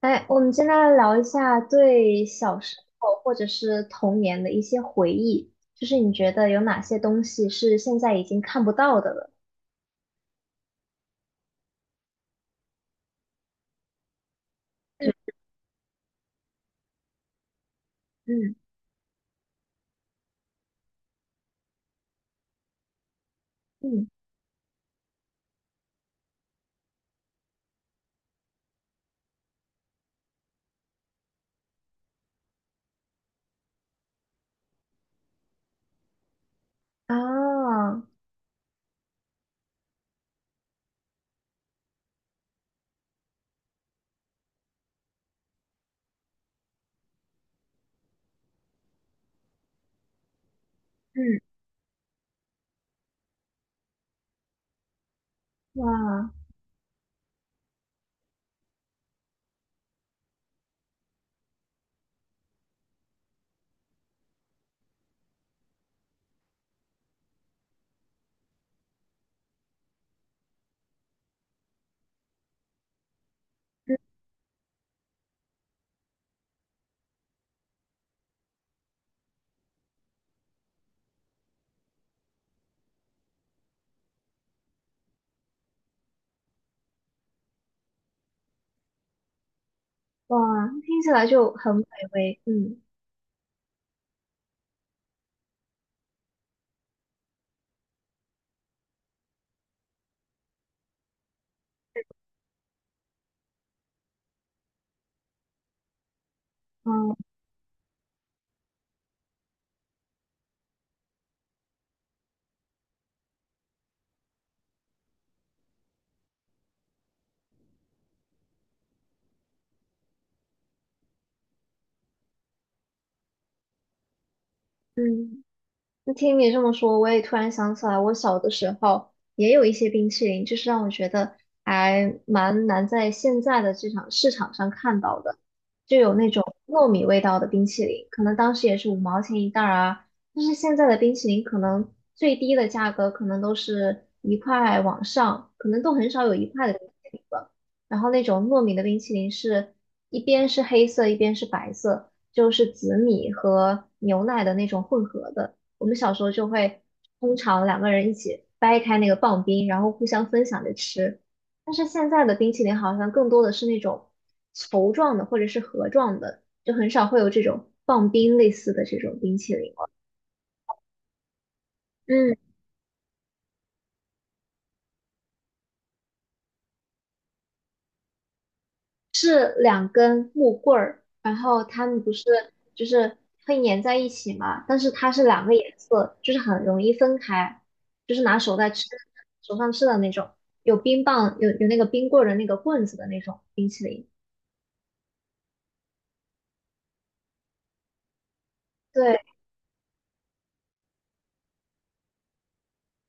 哎，我们今天来聊一下对小时候或者是童年的一些回忆，就是你觉得有哪些东西是现在已经看不到的了？嗯嗯嗯啊，嗯哇哇，听起来就很美味。嗯嗯嗯，就听你这么说，我也突然想起来，我小的时候也有一些冰淇淋，就是让我觉得还蛮难在现在的这场市场上看到的，就有那种糯米味道的冰淇淋，可能当时也是五毛钱一袋儿啊，但是现在的冰淇淋可能最低的价格可能都是一块往上，可能都很少有一块的冰淇淋了。然后那种糯米的冰淇淋是一边是黑色，一边是白色，就是紫米和牛奶的那种混合的。我们小时候就会通常两个人一起掰开那个棒冰，然后互相分享着吃。但是现在的冰淇淋好像更多的是那种球状的或者是盒状的，就很少会有这种棒冰类似的这种冰淇淋了。嗯，是两根木棍儿，然后它们不是就是会粘在一起嘛？但是它是两个颜色，就是很容易分开，就是拿手在吃，手上吃的那种，有冰棒，有那个冰棍儿的那个棍子的那种冰淇淋。对，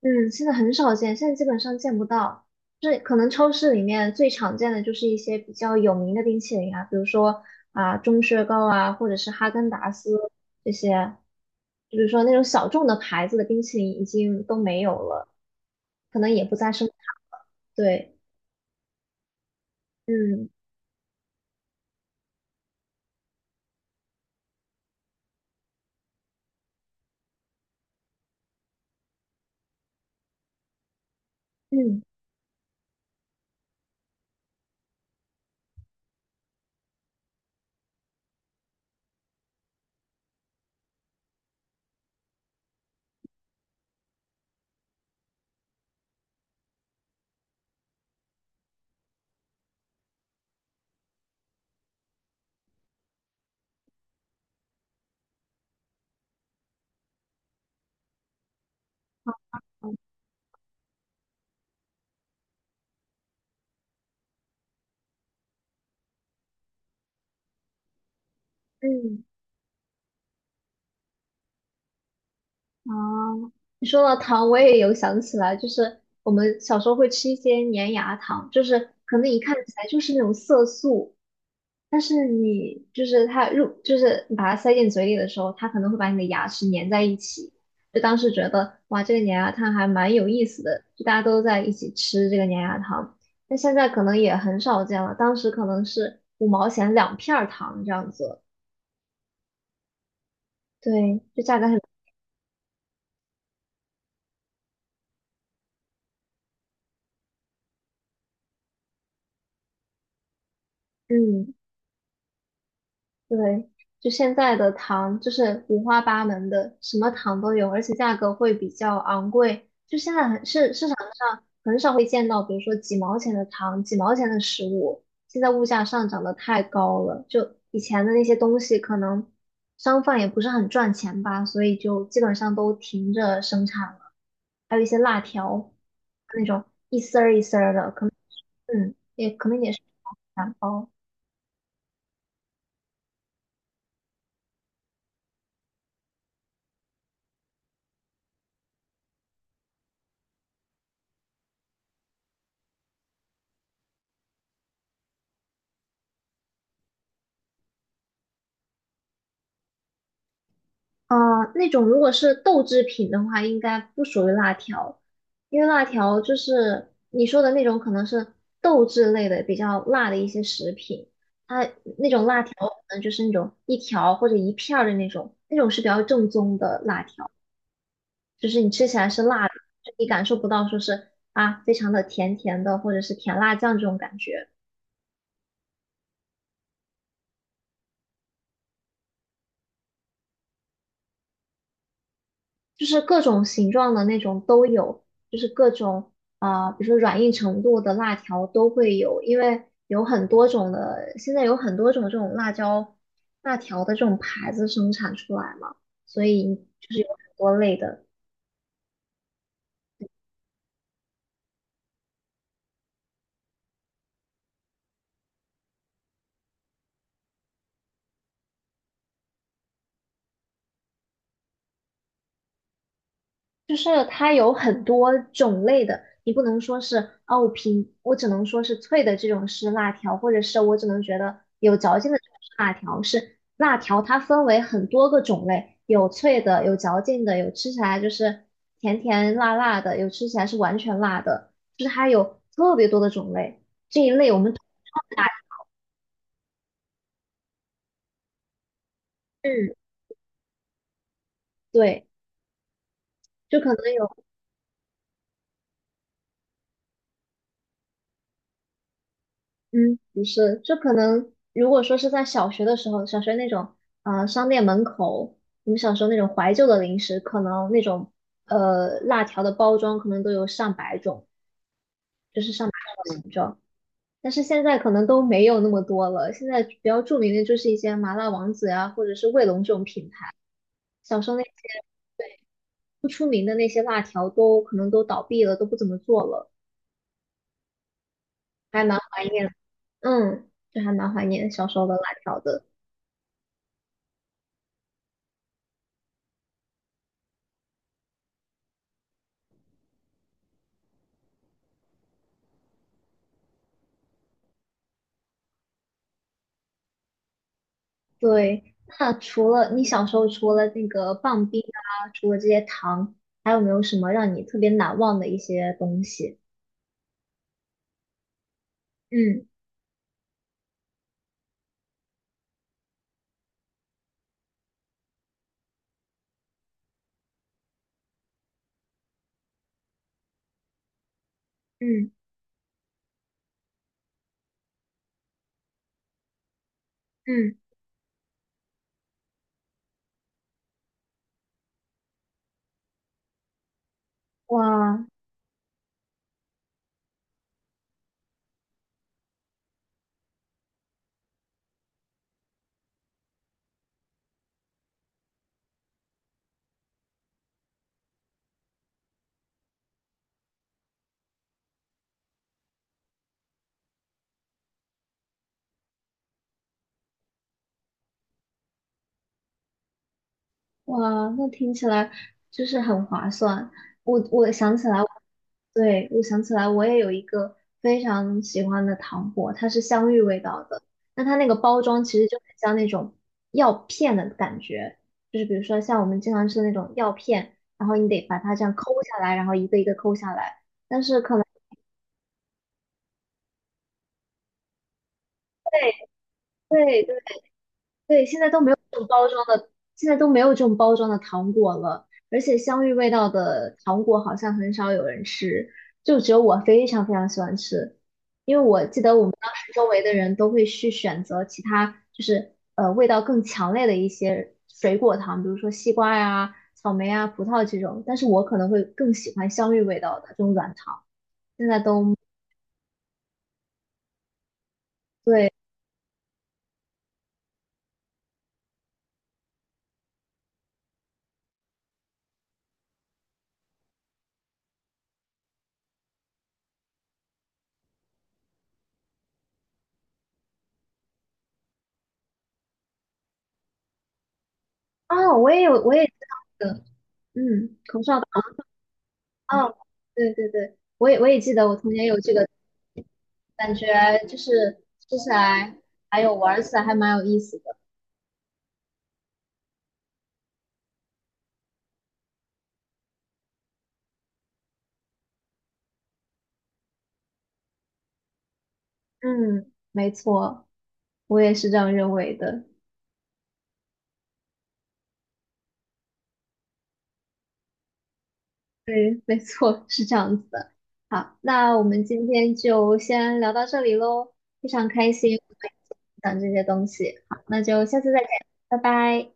嗯，现在很少见，现在基本上见不到。就是可能超市里面最常见的就是一些比较有名的冰淇淋啊，比如说啊、钟薛高啊，或者是哈根达斯这些，就是说那种小众的牌子的冰淇淋已经都没有了，可能也不再生产了。对，嗯嗯嗯，啊，你说到糖，我也有想起来，就是我们小时候会吃一些粘牙糖，就是可能一看起来就是那种色素。但是你就是它入，就是你把它塞进嘴里的时候，它可能会把你的牙齿粘在一起。就当时觉得哇，这个粘牙糖还蛮有意思的，就大家都在一起吃这个粘牙糖。那现在可能也很少见了，当时可能是五毛钱两片儿糖这样子。对，就价格很，嗯，对，就现在的糖就是五花八门的，什么糖都有，而且价格会比较昂贵。就现在很市场上很少会见到，比如说几毛钱的糖、几毛钱的食物，现在物价上涨的太高了。就以前的那些东西，可能商贩也不是很赚钱吧，所以就基本上都停着生产了。还有一些辣条，那种一丝儿一丝儿的，可能也可能也是两包。啊，那种如果是豆制品的话，应该不属于辣条，因为辣条就是你说的那种，可能是豆制类的比较辣的一些食品，它那种辣条可能就是那种一条或者一片儿的那种，那种是比较正宗的辣条，就是你吃起来是辣的，就你感受不到说是啊非常的甜甜的或者是甜辣酱这种感觉。就是各种形状的那种都有，就是各种啊、比如说软硬程度的辣条都会有，因为有很多种的，现在有很多种这种辣椒辣条的这种牌子生产出来嘛，所以就是有很多类的。就是它有很多种类的，你不能说是哦，我只能说是脆的这种是辣条，或者是我只能觉得有嚼劲的这种是辣条，是辣条它分为很多个种类，有脆的，有嚼劲的，有吃起来就是甜甜辣辣的，有吃起来是完全辣的，就是它有特别多的种类。这一类我们统称辣制，对，就可能有。嗯，不是，就可能如果说是在小学的时候，小学那种商店门口，我们小时候那种怀旧的零食，可能那种辣条的包装可能都有上百种，就是上百种形状。但是现在可能都没有那么多了，现在比较著名的就是一些麻辣王子呀，或者是卫龙这种品牌。小时候那些不出名的那些辣条都可能都倒闭了，都不怎么做了，还蛮怀念，就还蛮怀念小时候的辣条的。对，那除了你小时候除了那个棒冰啊，除了这些糖，还有没有什么让你特别难忘的一些东西？嗯嗯嗯，哇，哇，那听起来就是很划算。我想起来，对，我想起来，我也有一个非常喜欢的糖果，它是香芋味道的。那它那个包装其实就很像那种药片的感觉，就是比如说像我们经常吃的那种药片，然后你得把它这样抠下来，然后一个一个抠下来。但是可能对对，现在都没有这种包装的，现在都没有这种包装的糖果了，而且香芋味道的糖果好像很少有人吃，就只有我非常非常喜欢吃，因为我记得我们当时周围的人都会去选择其他，就是味道更强烈的一些水果糖，比如说西瓜呀、草莓啊、葡萄这种，但是我可能会更喜欢香芋味道的这种软糖，现在都对啊，我也有，我也知道这个，嗯，口哨。哦，对对对，我也记得我童年有这个感觉，就是吃起来还有玩儿起来还蛮有意思的。嗯，没错，我也是这样认为的。对，没错，是这样子的。好，那我们今天就先聊到这里喽，非常开心我们讲这些东西。好，那就下次再见，拜拜。